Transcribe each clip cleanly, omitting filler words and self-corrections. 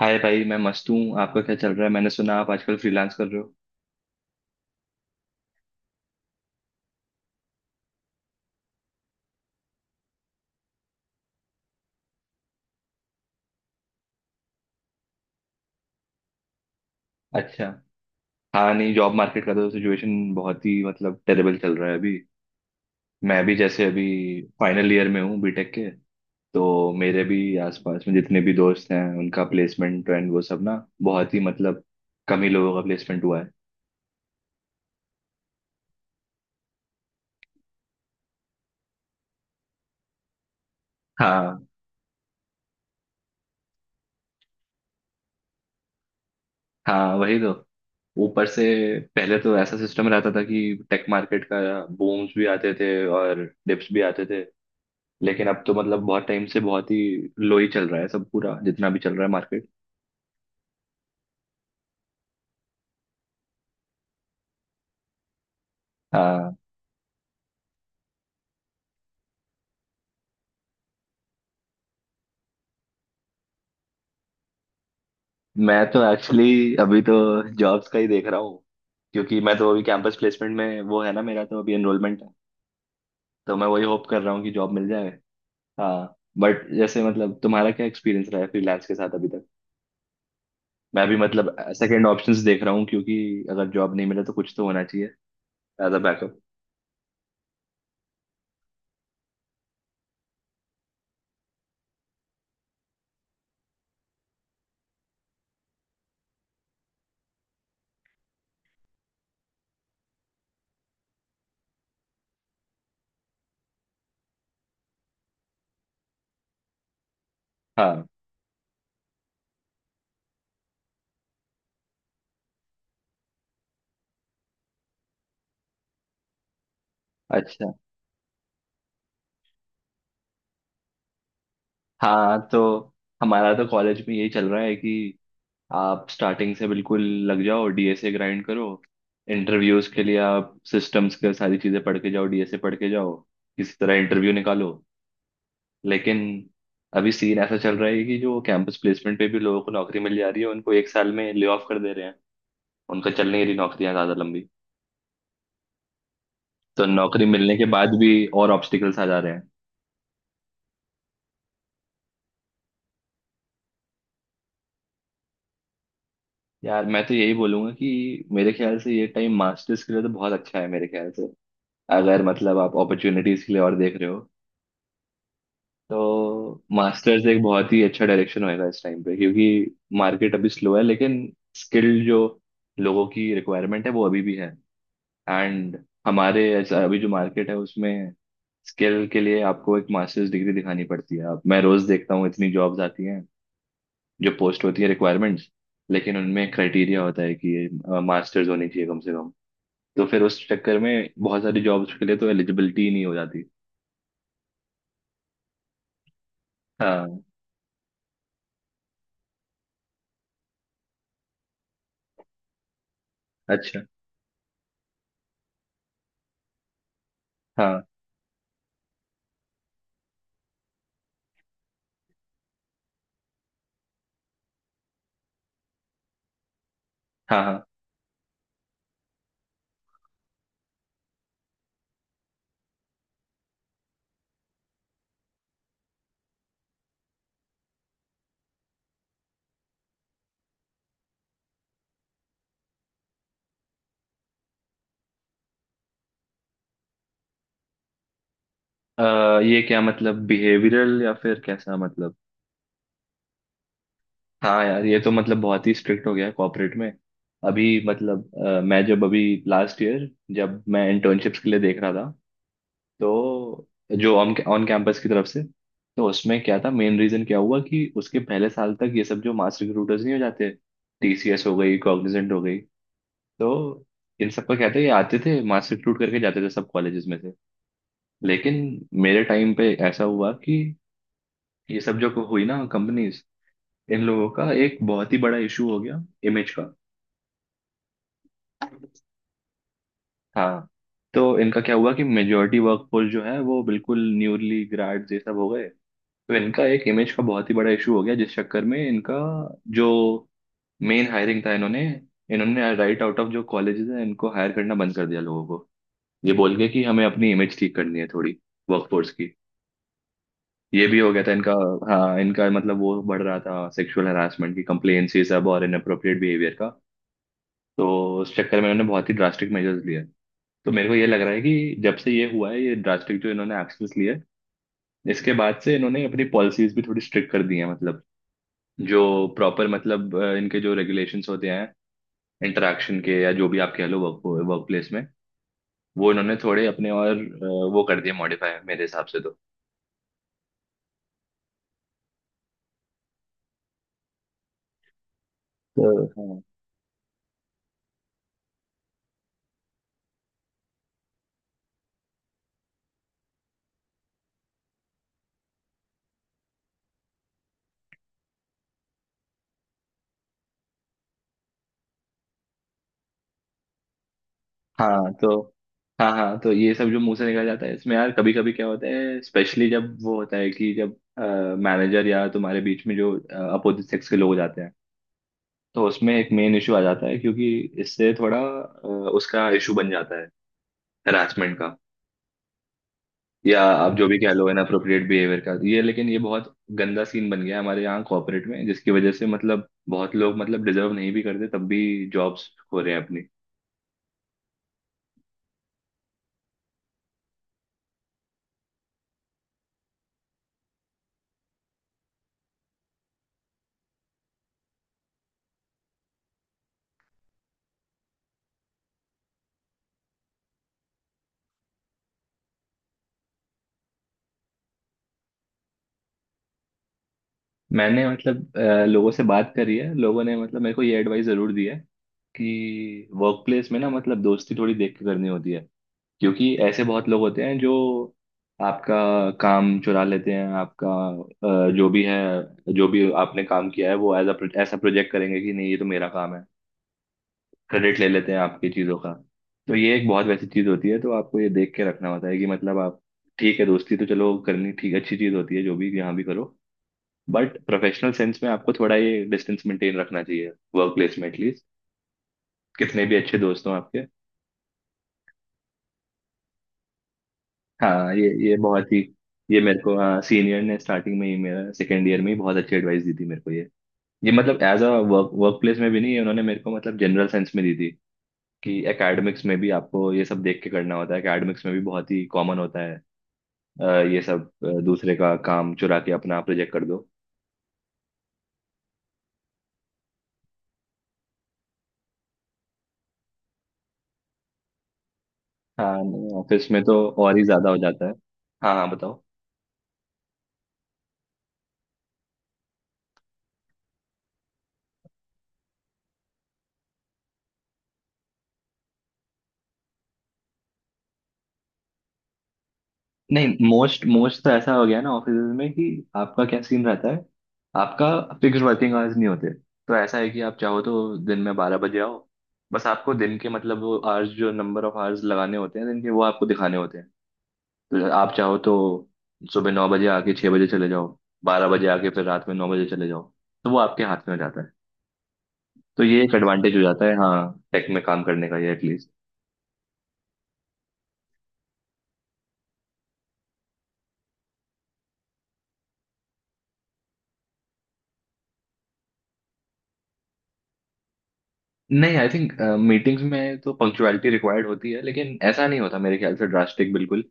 हाय भाई, मैं मस्त हूँ। आपका क्या चल रहा है? मैंने सुना आप आजकल फ्रीलांस कर रहे हो। अच्छा। हाँ नहीं, जॉब मार्केट का तो सिचुएशन बहुत ही मतलब टेरेबल चल रहा है अभी। मैं भी जैसे अभी फाइनल ईयर में हूँ बीटेक के। तो मेरे भी आसपास में जितने भी दोस्त हैं उनका प्लेसमेंट एंड वो सब ना, बहुत ही मतलब कम ही लोगों का प्लेसमेंट हुआ है। हाँ। हाँ वही तो। ऊपर से पहले तो ऐसा सिस्टम रहता था कि टेक मार्केट का बूम्स भी आते थे और डिप्स भी आते थे। लेकिन अब तो मतलब बहुत टाइम से बहुत ही लो ही चल रहा है, सब पूरा जितना भी चल रहा है मार्केट। हाँ। मैं तो एक्चुअली अभी तो जॉब्स का ही देख रहा हूँ, क्योंकि मैं तो अभी कैंपस प्लेसमेंट में वो है ना, मेरा तो अभी एनरोलमेंट है। तो मैं वही होप कर रहा हूँ कि जॉब मिल जाए। हाँ, बट जैसे मतलब तुम्हारा क्या एक्सपीरियंस रहा है फ्रीलांस के साथ अभी तक? मैं भी मतलब सेकंड ऑप्शंस देख रहा हूँ, क्योंकि अगर जॉब नहीं मिले तो कुछ तो होना चाहिए एज अ बैकअप। हाँ अच्छा। हाँ तो हमारा तो कॉलेज में यही चल रहा है कि आप स्टार्टिंग से बिल्कुल लग जाओ, डीएसए ग्राइंड करो। इंटरव्यूज के लिए आप सिस्टम्स के सारी चीजें पढ़ के जाओ, डीएसए पढ़ के जाओ, किसी तरह इंटरव्यू निकालो। लेकिन अभी सीन ऐसा चल रहा है कि जो कैंपस प्लेसमेंट पे भी लोगों को नौकरी मिल जा रही है, उनको एक साल में ले ऑफ कर दे रहे हैं। उनका चल नहीं रही नौकरियां ज्यादा लंबी। तो नौकरी मिलने के बाद भी और ऑब्स्टिकल्स आ जा रहे हैं। यार मैं तो यही बोलूंगा कि मेरे ख्याल से ये टाइम मास्टर्स के लिए तो बहुत अच्छा है, मेरे ख्याल से। अगर मतलब आप अपॉर्चुनिटीज के लिए और देख रहे हो, तो मास्टर्स एक बहुत ही अच्छा डायरेक्शन होएगा इस टाइम पे, क्योंकि मार्केट अभी स्लो है। लेकिन स्किल्ड जो लोगों की रिक्वायरमेंट है वो अभी भी है। एंड हमारे अभी जो मार्केट है उसमें स्किल के लिए आपको एक मास्टर्स डिग्री दिखानी पड़ती है। अब मैं रोज देखता हूँ इतनी जॉब्स आती हैं, जो पोस्ट होती है रिक्वायरमेंट्स, लेकिन उनमें क्राइटेरिया होता है कि ये मास्टर्स होनी चाहिए कम से कम। तो फिर उस चक्कर में बहुत सारी जॉब्स के लिए तो एलिजिबिलिटी नहीं हो जाती। हाँ अच्छा। हाँ हाँ हाँ। अ, ये क्या मतलब बिहेवियरल या फिर कैसा मतलब? हाँ यार, ये तो मतलब बहुत ही स्ट्रिक्ट हो गया है कॉर्पोरेट में। अभी मतलब मैं जब अभी लास्ट ईयर, जब मैं इंटर्नशिप्स के लिए देख रहा था, तो जो ऑन ऑन कैंपस की तरफ से, तो उसमें क्या था, मेन रीजन क्या हुआ कि उसके पहले साल तक ये सब जो मास रिक्रूटर्स नहीं हो जाते, टीसीएस हो गई, कॉग्निजेंट हो गई, तो इन सब का कहते हैं ये आते थे मास रिक्रूट करके जाते थे सब कॉलेजेस में से। लेकिन मेरे टाइम पे ऐसा हुआ कि ये सब जो हुई ना कंपनीज, इन लोगों का एक बहुत ही बड़ा इशू हो गया, इमेज का। हाँ। तो इनका क्या हुआ कि मेजोरिटी वर्कफोर्स जो है वो बिल्कुल न्यूली ग्रेड ये सब हो गए। तो इनका एक इमेज का बहुत ही बड़ा इशू हो गया, जिस चक्कर में इनका जो मेन हायरिंग था, इन्होंने इन्होंने राइट आउट ऑफ जो कॉलेजेस है इनको हायर करना बंद कर दिया लोगों को, ये बोल के कि हमें अपनी इमेज ठीक करनी है थोड़ी, वर्कफोर्स की। ये भी हो गया था इनका। हाँ, इनका मतलब वो बढ़ रहा था, सेक्सुअल हरासमेंट की कंप्लेन्स ये सब, और इनअप्रोप्रिएट बिहेवियर का। तो उस चक्कर में इन्होंने बहुत ही ड्रास्टिक मेजर्स लिए। तो मेरे को ये लग रहा है कि जब से ये हुआ है, ये ड्रास्टिक जो इन्होंने एक्शंस लिए, इसके बाद से इन्होंने अपनी पॉलिसीज भी थोड़ी स्ट्रिक्ट कर दी हैं। मतलब जो प्रॉपर, मतलब इनके जो रेगुलेशंस होते हैं इंटरेक्शन के, या जो भी आप कह लो, वर्क वर्क प्लेस में, वो इन्होंने थोड़े अपने और वो कर दिए मॉडिफाई मेरे हिसाब से तो, हाँ हाँ। तो हाँ हाँ। तो ये सब जो मुंह से निकल जाता है इसमें यार, कभी कभी क्या होता है, स्पेशली जब वो होता है कि जब मैनेजर या तुम्हारे बीच में जो अपोजिट सेक्स के लोग जाते हैं, तो उसमें एक मेन इशू आ जाता है, क्योंकि इससे थोड़ा उसका इशू बन जाता है हरासमेंट का, या आप जो भी कह लो इनअप्रोप्रिएट बिहेवियर का, ये। लेकिन ये बहुत गंदा सीन बन गया है हमारे यहाँ कॉर्पोरेट में, जिसकी वजह से मतलब बहुत लोग, मतलब डिजर्व नहीं भी करते तब भी जॉब्स खो रहे हैं। मैंने मतलब लोगों से बात करी है, लोगों ने मतलब मेरे को ये एडवाइस जरूर दी है कि वर्क प्लेस में ना, मतलब दोस्ती थोड़ी देख के करनी होती है, क्योंकि ऐसे बहुत लोग होते हैं जो आपका काम चुरा लेते हैं, आपका जो भी है, जो भी आपने काम किया है वो एज अ ऐसा प्रोजेक्ट करेंगे कि नहीं ये तो मेरा काम है, क्रेडिट ले लेते हैं आपकी चीज़ों का। तो ये एक बहुत वैसी चीज़ होती है, तो आपको ये देख के रखना होता है कि मतलब आप, ठीक है दोस्ती तो चलो करनी ठीक अच्छी चीज़ होती है, जो भी यहाँ भी करो, बट प्रोफेशनल सेंस में आपको थोड़ा ये डिस्टेंस मेंटेन रखना चाहिए वर्क प्लेस में एटलीस्ट, कितने भी अच्छे दोस्त हों आपके। हाँ ये बहुत ही ये, मेरे को, हाँ, सीनियर ने स्टार्टिंग में ही, मेरा सेकेंड ईयर में ही बहुत अच्छी एडवाइस दी थी मेरे को ये। ये मतलब as a work work place में भी नहीं, ये उन्होंने मेरे को मतलब जनरल सेंस में दी थी कि एकेडमिक्स में भी आपको ये सब देख के करना होता है, एकेडमिक्स में भी बहुत ही कॉमन होता है, अ, ये सब दूसरे का काम चुरा के अपना प्रोजेक्ट कर दो। हाँ। ऑफिस में तो और ही ज्यादा हो जाता है। हाँ हाँ, बताओ। नहीं, मोस्ट मोस्ट तो ऐसा हो गया ना ऑफिस में कि आपका क्या सीन रहता है, आपका फिक्स वर्किंग आवर्स नहीं होते। तो ऐसा है कि आप चाहो तो दिन में 12 बजे आओ, बस आपको दिन के मतलब वो आवर्स, जो नंबर ऑफ आवर्स लगाने होते हैं दिन के, वो आपको दिखाने होते हैं। तो आप चाहो तो सुबह 9 बजे आके 6 बजे चले जाओ, 12 बजे आके फिर रात में 9 बजे चले जाओ, तो वो आपके हाथ में हो जाता है। तो ये एक एडवांटेज हो जाता है, हाँ, टेक में काम करने का, ये एटलीस्ट। नहीं, आई थिंक मीटिंग्स में तो पंक्चुअलिटी रिक्वायर्ड होती है, लेकिन ऐसा नहीं होता मेरे ख्याल से ड्रास्टिक बिल्कुल।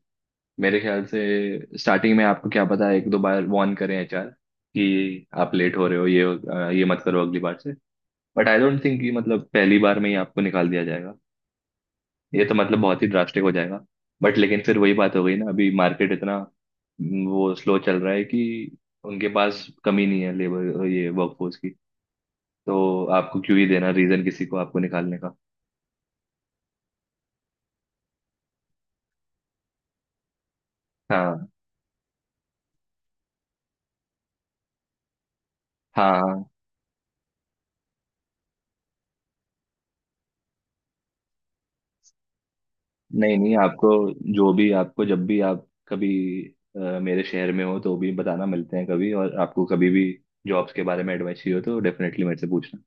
मेरे ख्याल से स्टार्टिंग में आपको क्या पता एक दो बार वार्न करें एचआर कि आप लेट हो रहे हो, ये मत करो अगली बार से। बट आई डोंट थिंक कि मतलब पहली बार में ही आपको निकाल दिया जाएगा, ये तो मतलब बहुत ही ड्रास्टिक हो जाएगा। बट लेकिन फिर वही बात हो गई ना, अभी मार्केट इतना वो स्लो चल रहा है कि उनके पास कमी नहीं है लेबर ये वर्कफोर्स की, तो आपको क्यों ही देना रीजन किसी को आपको निकालने का। हाँ हाँ हाँ। नहीं नहीं, आपको, जो भी आपको, जब भी आप कभी मेरे शहर में हो तो भी बताना, मिलते हैं कभी, और आपको कभी भी जॉब्स के बारे में एडवाइस चाहिए हो तो डेफिनेटली मेरे से पूछना।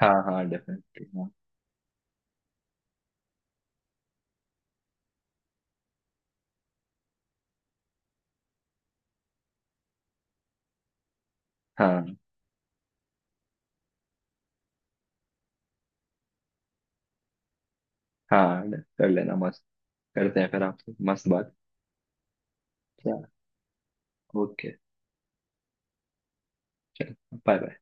हाँ हाँ डेफिनेटली। हाँ हाँ हाँ, कर लेना मस्त। करते हैं फिर आपसे मस्त बात। ओके। चलो, बाय बाय।